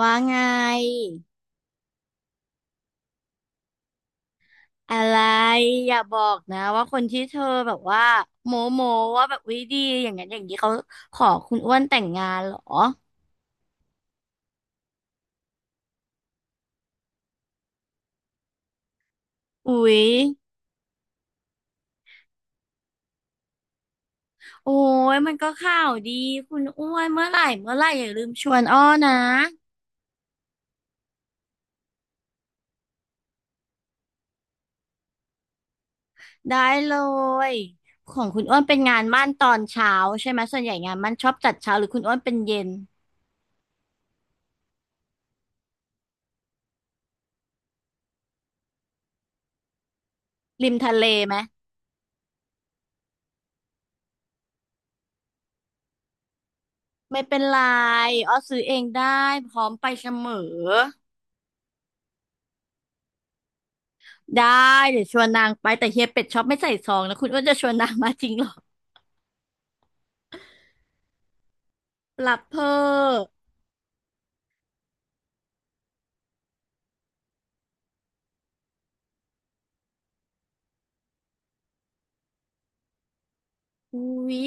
ว่าไงอะไรอย่าบอกนะว่าคนที่เธอแบบว่าโมโมว่าแบบวิดีอย่างนั้นอย่างนี้เขาขอคุณอ้วนแต่งงานเหรออุ๊ยโอ้ยมันก็ข่าวดีคุณอ้วนเมื่อไหร่เมื่อไหร่อย่าลืมชวนอ้อนะได้เลยของคุณอ้วนเป็นงานมั่นตอนเช้าใช่ไหมส่วนใหญ่งานมั่นชอบจัดเช้าหรือคุณอ้วนเป็นเย็นริมทะเลไหมไม่เป็นไรอ้อซื้อเองได้พร้อมไปเสมอ ได้เดี๋ยวชวนนางไปแต่เฮียเป็ดชอบไม่ใส่ซองนะคุณอ้วนจะชวนนางมาจริงเหรอรับเพออุ๊ย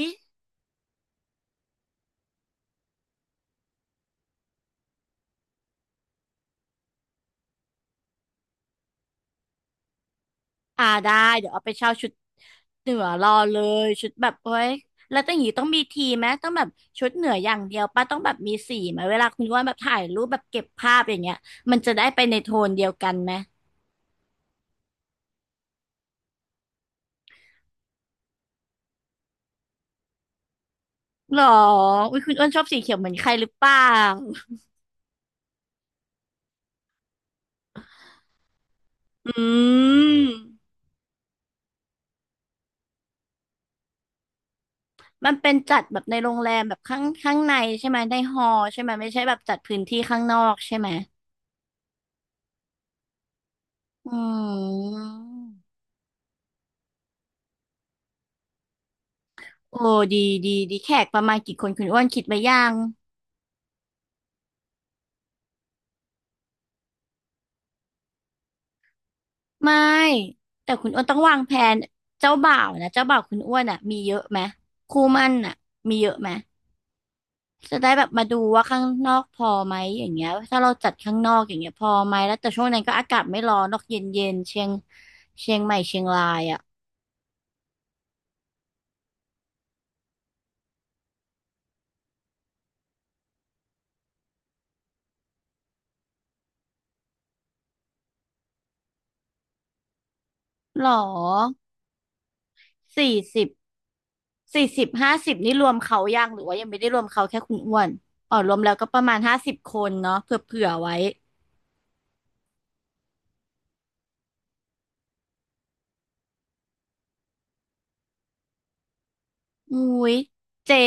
อ่าได้เดี๋ยวเอาไปเช่าชุดเหนือรอเลยชุดแบบโอ้ยแล้วต้องอย่างนี้ต้องมีทีมไหมต้องแบบชุดเหนืออย่างเดียวป้าต้องแบบมีสีไหมเวลาคุณอ้วนแบบถ่ายรูปแบบเก็บภาพอย่างเงี้ยมันจะได้ไปในโทนเดียวกันไหมหรออุ้ยคุณอ้วนชอบสีเขียวเหมือนใครหรือเปล่าอืม มันเป็นจัดแบบในโรงแรมแบบข้างข้างในใช่ไหมในฮอลล์ใช่ไหมไม่ใช่แบบจัดพื้นที่ข้างนอกใช่ไหมอืมโอ้ดีดีดีแขกประมาณกี่คนคุณอ้วนคิดไว้ยังไม่แต่คุณอ้วนต้องวางแผนเจ้าบ่าวนะเจ้าบ่าวคุณอ้วนอ่ะมีเยอะไหมคู่หมั่นอ่ะมีเยอะไหมจะได้แบบมาดูว่าข้างนอกพอไหมอย่างเงี้ยถ้าเราจัดข้างนอกอย่างเงี้ยพอไหมแล้วแต่ช่วงนั้นก็อากาศไม่ร้อนนอกเย็นเย็นเชียงใหม่เชียงรายอ่ะหรอ สี่สิบสี่สิบห้าสิบนี่รวมเขายังหรือว่ายังไม่ได้รวมเขาแค่คุณอ้วนอ๋อรวมแล้วก็ประมาณห้าสิบคนเนาะเผื่อเผื่อไว้อุ้ยเจ๊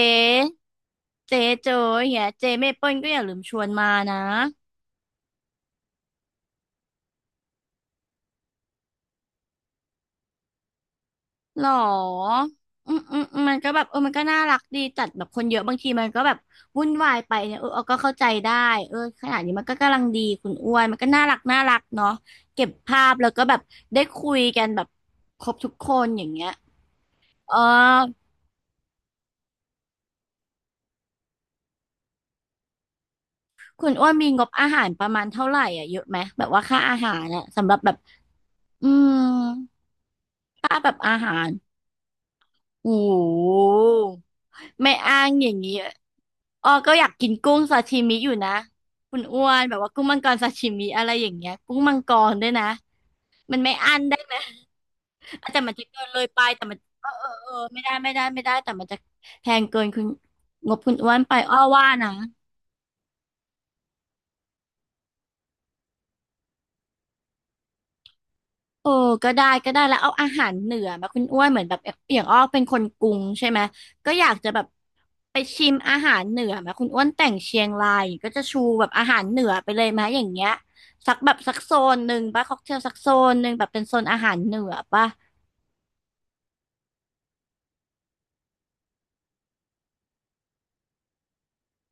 เจ๊โจอย่างเงี้ยเจ๊เมเปิ้ลก็อย่าลืมชวนมานะหรออืมอืมอืมมันก็แบบเออมันก็น่ารักดีจัดแบบคนเยอะบางทีมันก็แบบวุ่นวายไปเนี่ยเออเอาก็เข้าใจได้เออขนาดนี้มันก็กำลังดีคุณอ้วนมันก็น่ารักน่ารักเนาะเก็บภาพแล้วก็แบบได้คุยกันแบบครบทุกคนอย่างเงี้ย เออคุณอ้วนมีงบอาหารประมาณเท่าไหร่อ่ะเยอะไหม แบบว่าค่าอาหารอ่ะสำหรับแบบอืมค่าแบบอาหารโอ้โหไม่อ้างอย่างนี้อ้อก็อยากกินกุ้งซาชิมิอยู่นะคุณอ้วนแบบว่ากุ้งมังกรซาชิมิอะไรอย่างเงี้ยกุ้งมังกรด้วยนะมันไม่อั้นได้ไหมอ่ะแต่มันจะเกินเลยไปแต่มันเออเออเออไม่ได้ไม่ได้ไม่ได้แต่มันจะแพงเกินคุณงบคุณอ้วนไปอ้อว่านะ เออก็ได้ก็ได้แล้วเอาอาหารเหนือมาคุณอ้วนเหมือนแบบอย่างอ้อเป็นคนกรุงใช่ไหมก็อยากจะแบบไปชิมอาหารเหนือมาคุณอ้วนแต่งเชียงรายก็จะชูแบบอาหารเหนือไปเลยไหมอย่างเงี้ยสักแบบสักโซนหนึ่งป่ะค็อกเทลสักโซนหนึ่งแบบเป็นโซนอาหารเหนือป่ะ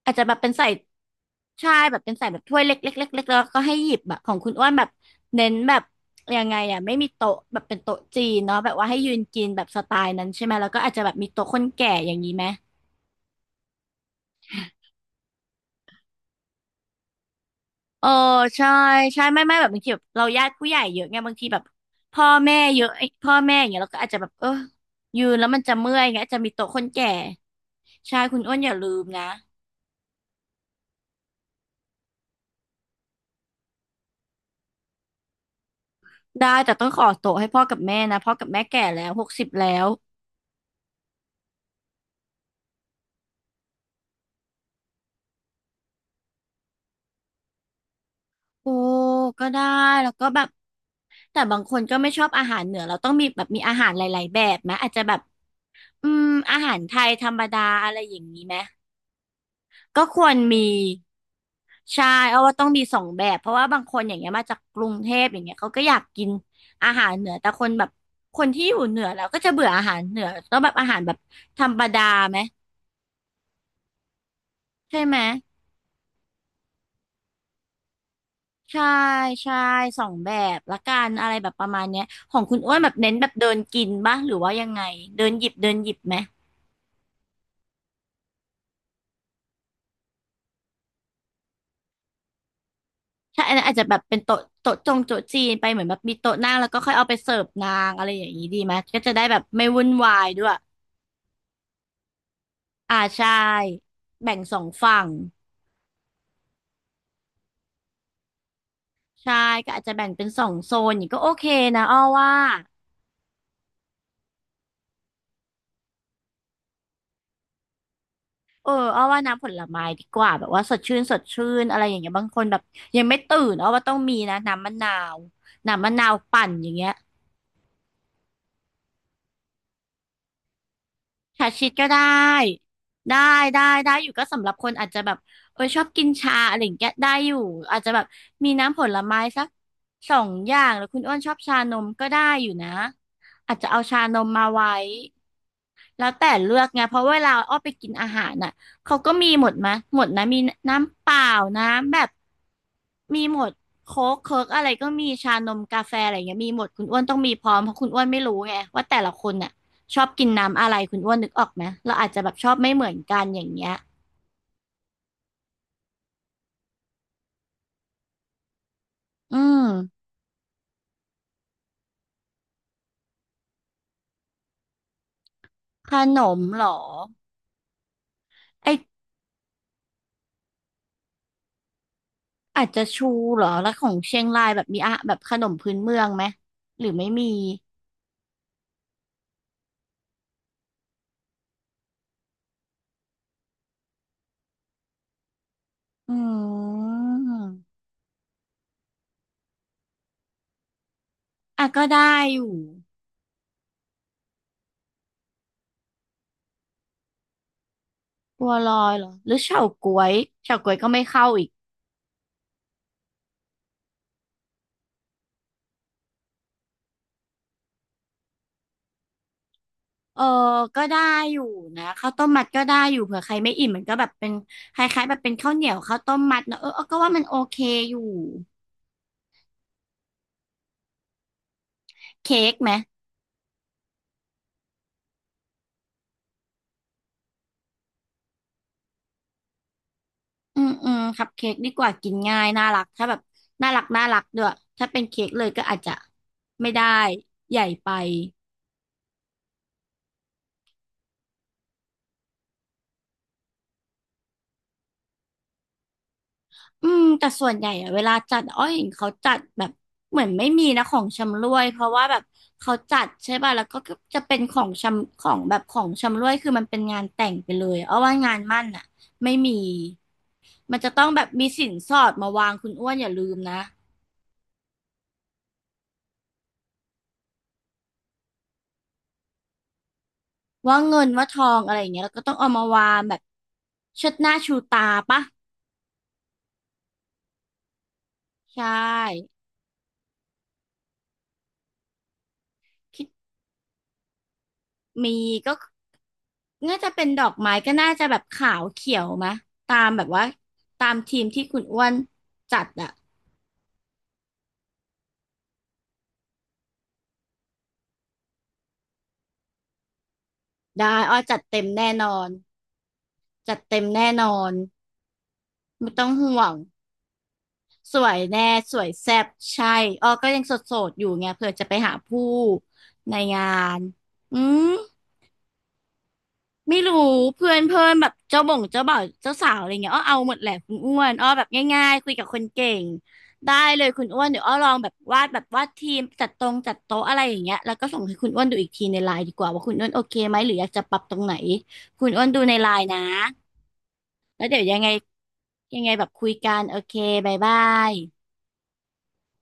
อาจจะแบบเป็นใส่ใช่แบบเป็นใส่แบบถ้วยเล็กๆเล็กๆแล้วก็ให้หยิบแบบของคุณอ้วนแบบเน้นแบบยังไงอ่ะไม่มีโต๊ะแบบเป็นโต๊ะจีนเนาะแบบว่าให้ยืนกินแบบสไตล์นั้นใช่ไหมแล้วก็อาจจะแบบมีโต๊ะคนแก่อย่างนี้ไหม เออใช่ใช่ไม่ไม่แบบบางทีแบบเราญาติผู้ใหญ่เยอะไงบางทีแบบพ่อแม่เยอะไอ้พ่อแม่อย่างเงี้ยเราก็อาจจะแบบเออยืนแล้วมันจะเมื่อยไงอาจจะมีโต๊ะคนแก่ใช่คุณอ้วนอย่าลืมนะได้แต่ต้องขอโต๊ะให้พ่อกับแม่นะพ่อกับแม่แก่แล้ว60แล้วโอ้ก็ได้แล้วก็แบบแต่บางคนก็ไม่ชอบอาหารเหนือเราต้องมีแบบมีอาหารหลายๆแบบไหมอาจจะแบบอืมอาหารไทยธรรมดาอะไรอย่างนี้ไหม ก็ควรมีใช่เอาว่าต้องมีสองแบบเพราะว่าบางคนอย่างเงี้ยมาจากกรุงเทพอย่างเงี้ยเขาก็อยากกินอาหารเหนือแต่คนแบบคนที่อยู่เหนือแล้วก็จะเบื่ออาหารเหนือต้องแบบอาหารแบบธรรมดาไหมใช่ไหมใช่ใช่สองแบบละกันอะไรแบบประมาณเนี้ยของคุณอ้วนแบบเน้นแบบเดินกินบ้างหรือว่ายังไงเดินหยิบเดินหยิบไหมถ้าอันนั้นอาจจะแบบเป็นโต๊ะจีนไปเหมือนแบบมีโต๊ะนั่งแล้วก็ค่อยเอาไปเสิร์ฟนางอะไรอย่างนี้ดีไหมก็จะได้แบบไม่วุ่นวายด้วย ใช่แบ่งสองฝั่งใช่ก็อาจจะแบ่งเป็นสองโซนอย่างนี้ก็โอเคนะอ้อว่าอ้อว่าน้ำผลไม้ดีกว่าแบบว่าสดชื่นอะไรอย่างเงี้ยบางคนแบบยังไม่ตื่นอ้อว่าต้องมีนะน้ำมะนาวน้ำมะนาวปั่นอย่างเงี้ยชาชิดก็ได้ได้ได้ได้อยู่ก็สำหรับคนอาจจะแบบชอบกินชาอะไรอย่างเงี้ยได้อยู่อาจจะแบบมีน้ำผลไม้สักสองอย่างหรือคุณอ้วนชอบชานมก็ได้อยู่นะอาจจะเอาชานมมาไว้ แล้วแต่เลือกไงเพราะเวลาอ้อไปกินอาหารน่ะเขาก็มีหมดมะหมดนะมีน้ำเปล่าน้ำแบบมีหมดโค้กเคิร์กอะไรก็มีชานมกาแฟอะไรเงี้ยมีหมดคุณอ้วนต้องมีพร้อมเพราะคุณอ้วนไม่รู้ไงว่าแต่ละคนน่ะชอบกินน้ำอะไรคุณอ้วนนึกออกไหมเราอาจจะแบบชอบไม่เหมือนกันอย่างเงี้ยอืมขนมเหรอไออาจจะชูเหรอแล้วของเชียงรายแบบมีอะแบบขนมพื้นเมืองไหมหรือไม่มีอืมอ่ะก็ได้อยู่ บัวลอยเหรอหรือเฉาก๊วยเฉาก๊วยก็ไม่เข้าอีกเออก็ได้อยู่นะข้าวต้มมัดก็ได้อยู่เผื่อใครไม่อิ่มมันก็แบบเป็นคล้ายๆแบบเป็นข้าวเหนียวข้าวต้มมัดเนอะเออก็ว่ามันโอเคอยู่เค้กไหมอืมคัพเค้กดีกว่ากินง่ายน่ารักถ้าแบบน่ารักด้วยถ้าเป็นเค้กเลยก็อาจจะไม่ได้ใหญ่ไป อืมแต่ส่วนใหญ่อะเวลาจัดอ้อยเห็นเขาจัดแบบเหมือนไม่มีนะของชำร่วยเพราะว่าแบบเขาจัดใช่ป่ะแล้วก็จะเป็นของชำของแบบของชำร่วยคือมันเป็นงานแต่งไปเลยเอาว่างานมั่นอะไม่มีมันจะต้องแบบมีสินสอดมาวางคุณอ้วนอย่าลืมนะว่าเงินว่าทองอะไรอย่างเงี้ยแล้วก็ต้องเอามาวางแบบเชิดหน้าชูตาปะใช่ มีก็น่าจะเป็นดอกไม้ก็น่าจะแบบขาวเขียวมะตามแบบว่าตามทีมที่คุณอ้วนจัดอะได้อ้อจัดเต็มแน่นอนจัดเต็มแน่นอนไม่ต้องห่วงสวยแน่สวยแซ่บใช่อ้อก็ยังโสดๆอยู่ไงเผื่อจะไปหาผู้ในงานอืม ไม่รู้เพื่อนเพื่อนแบบเจ้าบ่งเจ้าบ่าวเจ้าสาวอะไรเงี้ยอ้อเอาหมดแหละคุณอ้วนอ้อแบบง่ายๆคุยกับคนเก่งได้เลยคุณอ้วนเดี๋ยวอ้อลองแบบวาดแบบวาดทีมจัดตรงจัดโต๊ะอะไรอย่างเงี้ยแล้วก็ส่งให้คุณอ้วนดูอีกทีในไลน์ดีกว่าว่าคุณอ้วนโอเคไหมหรืออยากจะปรับตรงไหนคุณอ้วนดูในไลน์นะแล้วเดี๋ยวยังไงยังไงแบบคุยกันโอเคบายบาย